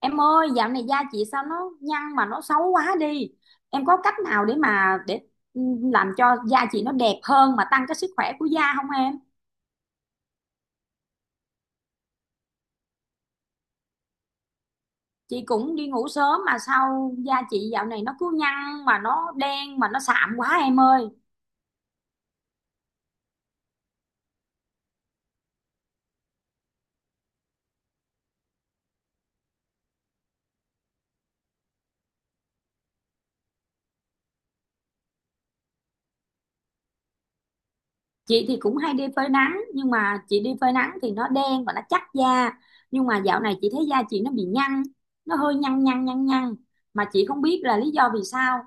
Em ơi, dạo này da chị sao nó nhăn mà nó xấu quá đi. Em có cách nào để ừ, làm cho da chị nó đẹp hơn mà tăng cái sức khỏe của da không em? Chị cũng đi ngủ sớm mà sao da chị dạo này nó cứ nhăn mà nó đen mà nó sạm quá em ơi. Chị thì cũng hay đi phơi nắng nhưng mà chị đi phơi nắng thì nó đen và nó chắc da. Nhưng mà dạo này chị thấy da chị nó bị nhăn, nó hơi nhăn nhăn nhăn nhăn mà chị không biết là lý do vì sao.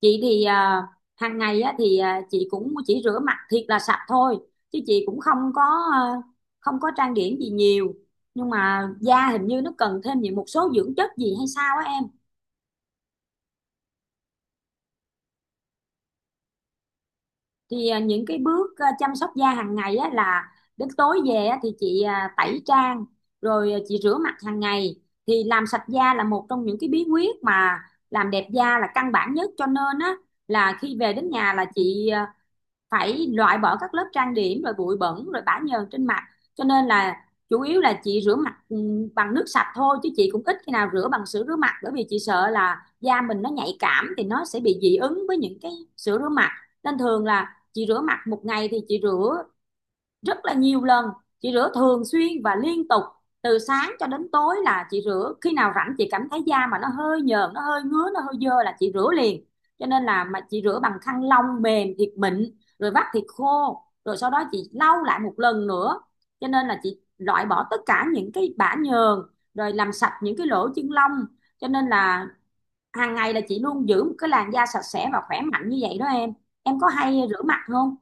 Chị thì hàng ngày á, chị cũng chỉ rửa mặt thiệt là sạch thôi chứ chị cũng không có à, không có trang điểm gì nhiều nhưng mà da hình như nó cần thêm những một số dưỡng chất gì hay sao á em. Những cái bước chăm sóc da hàng ngày á, là đến tối về á, thì chị tẩy trang rồi chị rửa mặt hàng ngày, thì làm sạch da là một trong những cái bí quyết mà làm đẹp da là căn bản nhất, cho nên á là khi về đến nhà là chị phải loại bỏ các lớp trang điểm rồi bụi bẩn rồi bã nhờn trên mặt, cho nên là chủ yếu là chị rửa mặt bằng nước sạch thôi chứ chị cũng ít khi nào rửa bằng sữa rửa mặt, bởi vì chị sợ là da mình nó nhạy cảm thì nó sẽ bị dị ứng với những cái sữa rửa mặt, nên thường là chị rửa mặt một ngày thì chị rửa rất là nhiều lần, chị rửa thường xuyên và liên tục từ sáng cho đến tối, là chị rửa khi nào rảnh chị cảm thấy da mà nó hơi nhờn nó hơi ngứa nó hơi dơ là chị rửa liền, cho nên là mà chị rửa bằng khăn lông mềm thiệt mịn rồi vắt thiệt khô rồi sau đó chị lau lại một lần nữa, cho nên là chị loại bỏ tất cả những cái bã nhờn rồi làm sạch những cái lỗ chân lông, cho nên là hàng ngày là chị luôn giữ một cái làn da sạch sẽ và khỏe mạnh như vậy đó em. Em có hay rửa mặt không?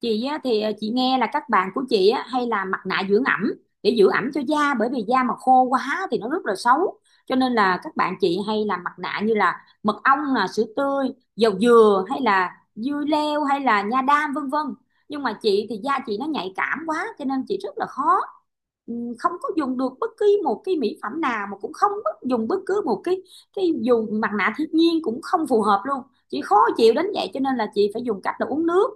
Chị á, thì chị nghe là các bạn của chị á, hay làm mặt nạ dưỡng ẩm để giữ ẩm cho da bởi vì da mà khô quá thì nó rất là xấu, cho nên là các bạn chị hay làm mặt nạ như là mật ong, là sữa tươi, dầu dừa, hay là dưa leo, hay là nha đam vân vân. Nhưng mà chị thì da chị nó nhạy cảm quá cho nên chị rất là khó, ừ, không có dùng được bất cứ một cái mỹ phẩm nào mà cũng không dùng bất cứ một cái dù mặt nạ thiên nhiên cũng không phù hợp luôn, chị khó chịu đến vậy. Cho nên là chị phải dùng cách là uống nước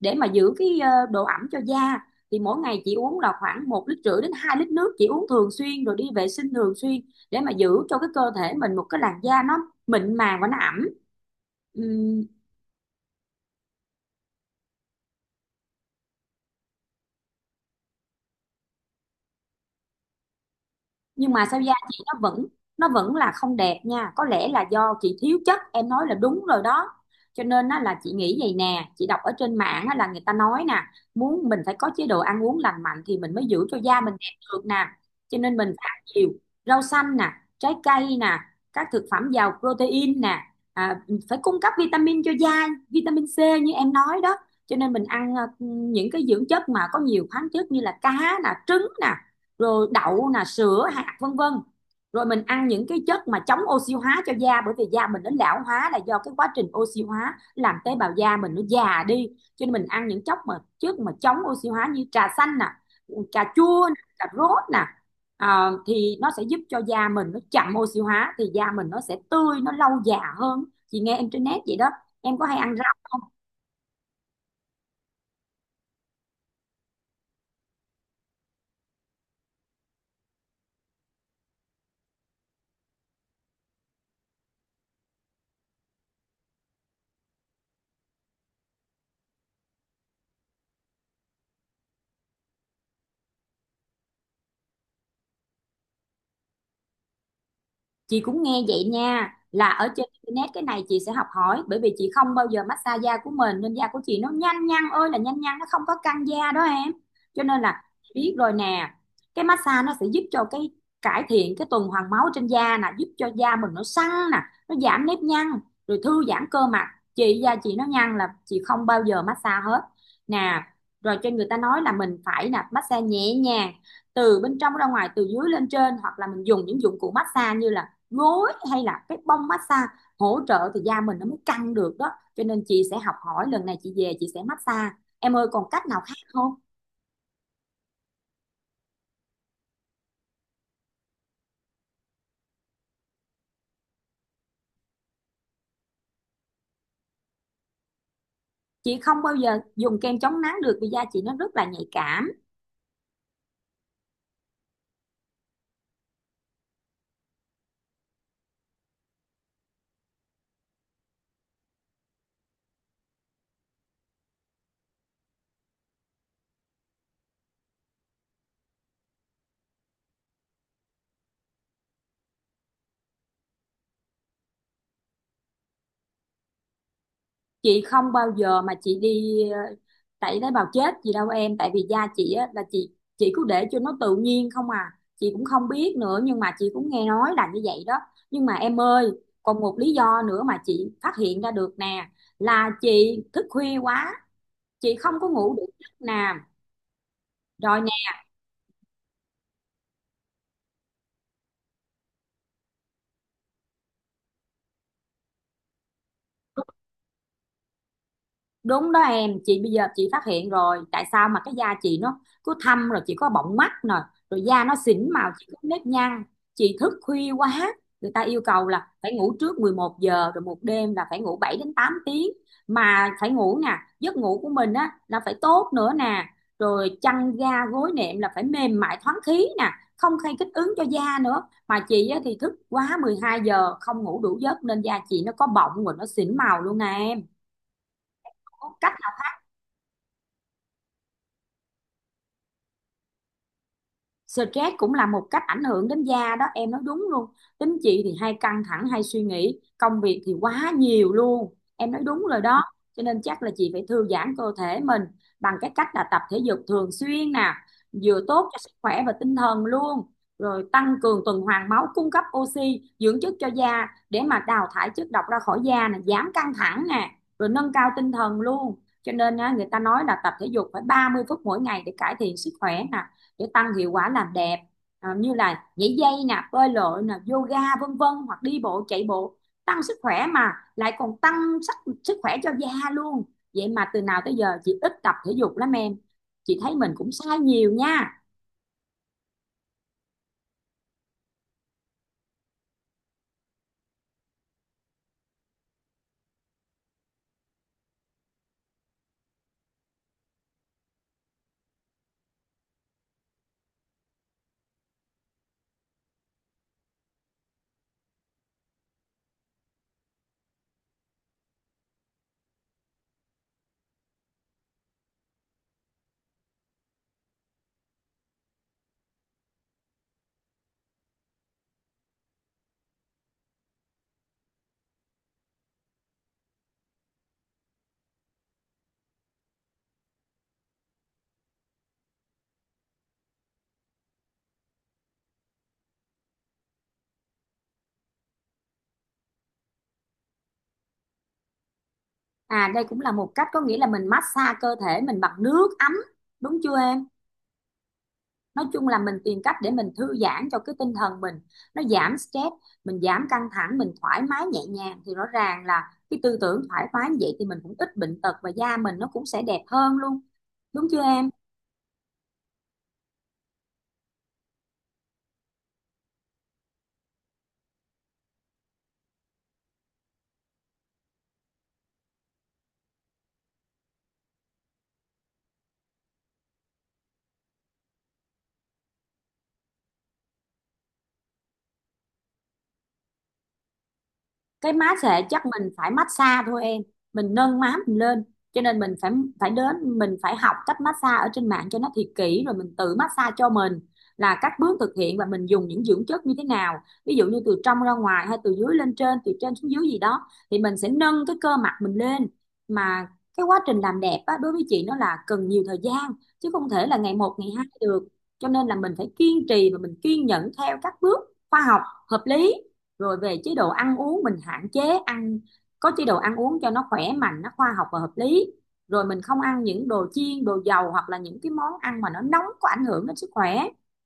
để mà giữ cái độ ẩm cho da, thì mỗi ngày chị uống là khoảng 1,5 lít đến 2 lít nước, chị uống thường xuyên rồi đi vệ sinh thường xuyên để mà giữ cho cái cơ thể mình một cái làn da nó mịn màng và nó ẩm. Ừm, nhưng mà sao da chị nó vẫn là không đẹp nha, có lẽ là do chị thiếu chất, em nói là đúng rồi đó. Cho nên á, là chị nghĩ vậy nè, chị đọc ở trên mạng á, là người ta nói nè muốn mình phải có chế độ ăn uống lành mạnh thì mình mới giữ cho da mình đẹp được nè, cho nên mình phải ăn nhiều rau xanh nè, trái cây nè, các thực phẩm giàu protein nè, à, phải cung cấp vitamin cho da, vitamin C như em nói đó, cho nên mình ăn những cái dưỡng chất mà có nhiều khoáng chất như là cá nè, trứng nè, rồi đậu nè, sữa hạt vân vân, rồi mình ăn những cái chất mà chống oxy hóa cho da bởi vì da mình nó lão hóa là do cái quá trình oxy hóa làm tế bào da mình nó già đi, cho nên mình ăn những chất mà chống oxy hóa như trà xanh nè, cà chua nè, cà rốt nè. Thì nó sẽ giúp cho da mình nó chậm oxy hóa thì da mình nó sẽ tươi, nó lâu già hơn. Chị nghe em trên net vậy đó. Em có hay ăn rau không? Chị cũng nghe vậy nha, là ở trên internet, cái này chị sẽ học hỏi bởi vì chị không bao giờ massage da của mình nên da của chị nó nhanh nhăn ơi là nhanh nhăn, nó không có căng da đó em. Cho nên là chị biết rồi nè, cái massage nó sẽ giúp cho cái cải thiện cái tuần hoàn máu trên da nè, giúp cho da mình nó săn nè, nó giảm nếp nhăn, rồi thư giãn cơ mặt. Chị da chị nó nhăn là chị không bao giờ massage hết nè, rồi cho người ta nói là mình phải là massage nhẹ nhàng từ bên trong ra ngoài, từ dưới lên trên, hoặc là mình dùng những dụng cụ massage như là gối hay là cái bông massage hỗ trợ thì da mình nó mới căng được đó. Cho nên chị sẽ học hỏi, lần này chị về chị sẽ massage. Em ơi, còn cách nào khác không? Chị không bao giờ dùng kem chống nắng được vì da chị nó rất là nhạy cảm. Chị không bao giờ mà chị đi tẩy tế bào chết gì đâu em, tại vì da chị á, là chị cứ để cho nó tự nhiên không à, chị cũng không biết nữa nhưng mà chị cũng nghe nói là như vậy đó. Nhưng mà em ơi, còn một lý do nữa mà chị phát hiện ra được nè, là chị thức khuya quá, chị không có ngủ đủ giấc nào rồi. Đúng đó em, chị bây giờ chị phát hiện rồi, tại sao mà cái da chị nó cứ thâm, rồi chị có bọng mắt nè, rồi da nó xỉn màu, chị có nếp nhăn, chị thức khuya quá, người ta yêu cầu là phải ngủ trước 11 giờ, rồi một đêm là phải ngủ 7 đến 8 tiếng mà phải ngủ nè, giấc ngủ của mình á là phải tốt nữa nè, rồi chăn ga gối nệm là phải mềm mại thoáng khí nè, không gây kích ứng cho da nữa. Mà chị á thì thức quá 12 giờ không ngủ đủ giấc nên da chị nó có bọng rồi nó xỉn màu luôn nè em. Có cách. Stress cũng là một cách ảnh hưởng đến da đó, em nói đúng luôn. Tính chị thì hay căng thẳng, hay suy nghĩ, công việc thì quá nhiều luôn. Em nói đúng rồi đó. Cho nên chắc là chị phải thư giãn cơ thể mình bằng cái cách là tập thể dục thường xuyên nè, vừa tốt cho sức khỏe và tinh thần luôn. Rồi tăng cường tuần hoàn máu, cung cấp oxy, dưỡng chất cho da để mà đào thải chất độc ra khỏi da nè, giảm căng thẳng nè, rồi nâng cao tinh thần luôn. Cho nên á, người ta nói là tập thể dục phải 30 phút mỗi ngày để cải thiện sức khỏe nè, để tăng hiệu quả làm đẹp, như là nhảy dây nè, bơi lội nè, yoga vân vân, hoặc đi bộ chạy bộ, tăng sức khỏe mà lại còn tăng sức khỏe cho da luôn. Vậy mà từ nào tới giờ chị ít tập thể dục lắm em, chị thấy mình cũng sai nhiều nha. À đây cũng là một cách, có nghĩa là mình massage cơ thể mình bằng nước ấm, đúng chưa em? Nói chung là mình tìm cách để mình thư giãn cho cái tinh thần mình, nó giảm stress, mình giảm căng thẳng, mình thoải mái nhẹ nhàng thì rõ ràng là cái tư tưởng thoải mái như vậy thì mình cũng ít bệnh tật và da mình nó cũng sẽ đẹp hơn luôn, đúng chưa em? Cái má xệ chắc mình phải massage thôi em, mình nâng má mình lên, cho nên mình phải học cách massage ở trên mạng cho nó thiệt kỹ rồi mình tự massage cho mình là các bước thực hiện và mình dùng những dưỡng chất như thế nào, ví dụ như từ trong ra ngoài hay từ dưới lên trên, từ trên xuống dưới gì đó thì mình sẽ nâng cái cơ mặt mình lên. Mà cái quá trình làm đẹp á, đối với chị nó là cần nhiều thời gian chứ không thể là ngày một ngày hai được. Cho nên là mình phải kiên trì và mình kiên nhẫn theo các bước khoa học hợp lý, rồi về chế độ ăn uống mình hạn chế ăn, có chế độ ăn uống cho nó khỏe mạnh, nó khoa học và hợp lý, rồi mình không ăn những đồ chiên đồ dầu hoặc là những cái món ăn mà nó nóng có ảnh hưởng đến sức khỏe,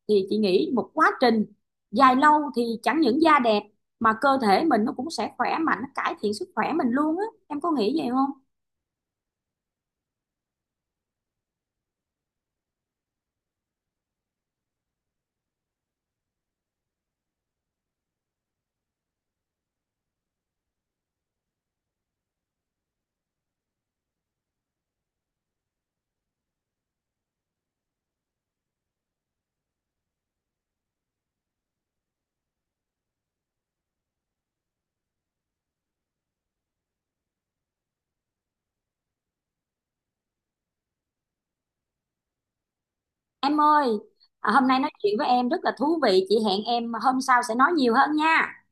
thì chị nghĩ một quá trình dài lâu thì chẳng những da đẹp mà cơ thể mình nó cũng sẽ khỏe mạnh, nó cải thiện sức khỏe mình luôn á, em có nghĩ vậy không? Em ơi, hôm nay nói chuyện với em rất là thú vị, chị hẹn em hôm sau sẽ nói nhiều hơn nha.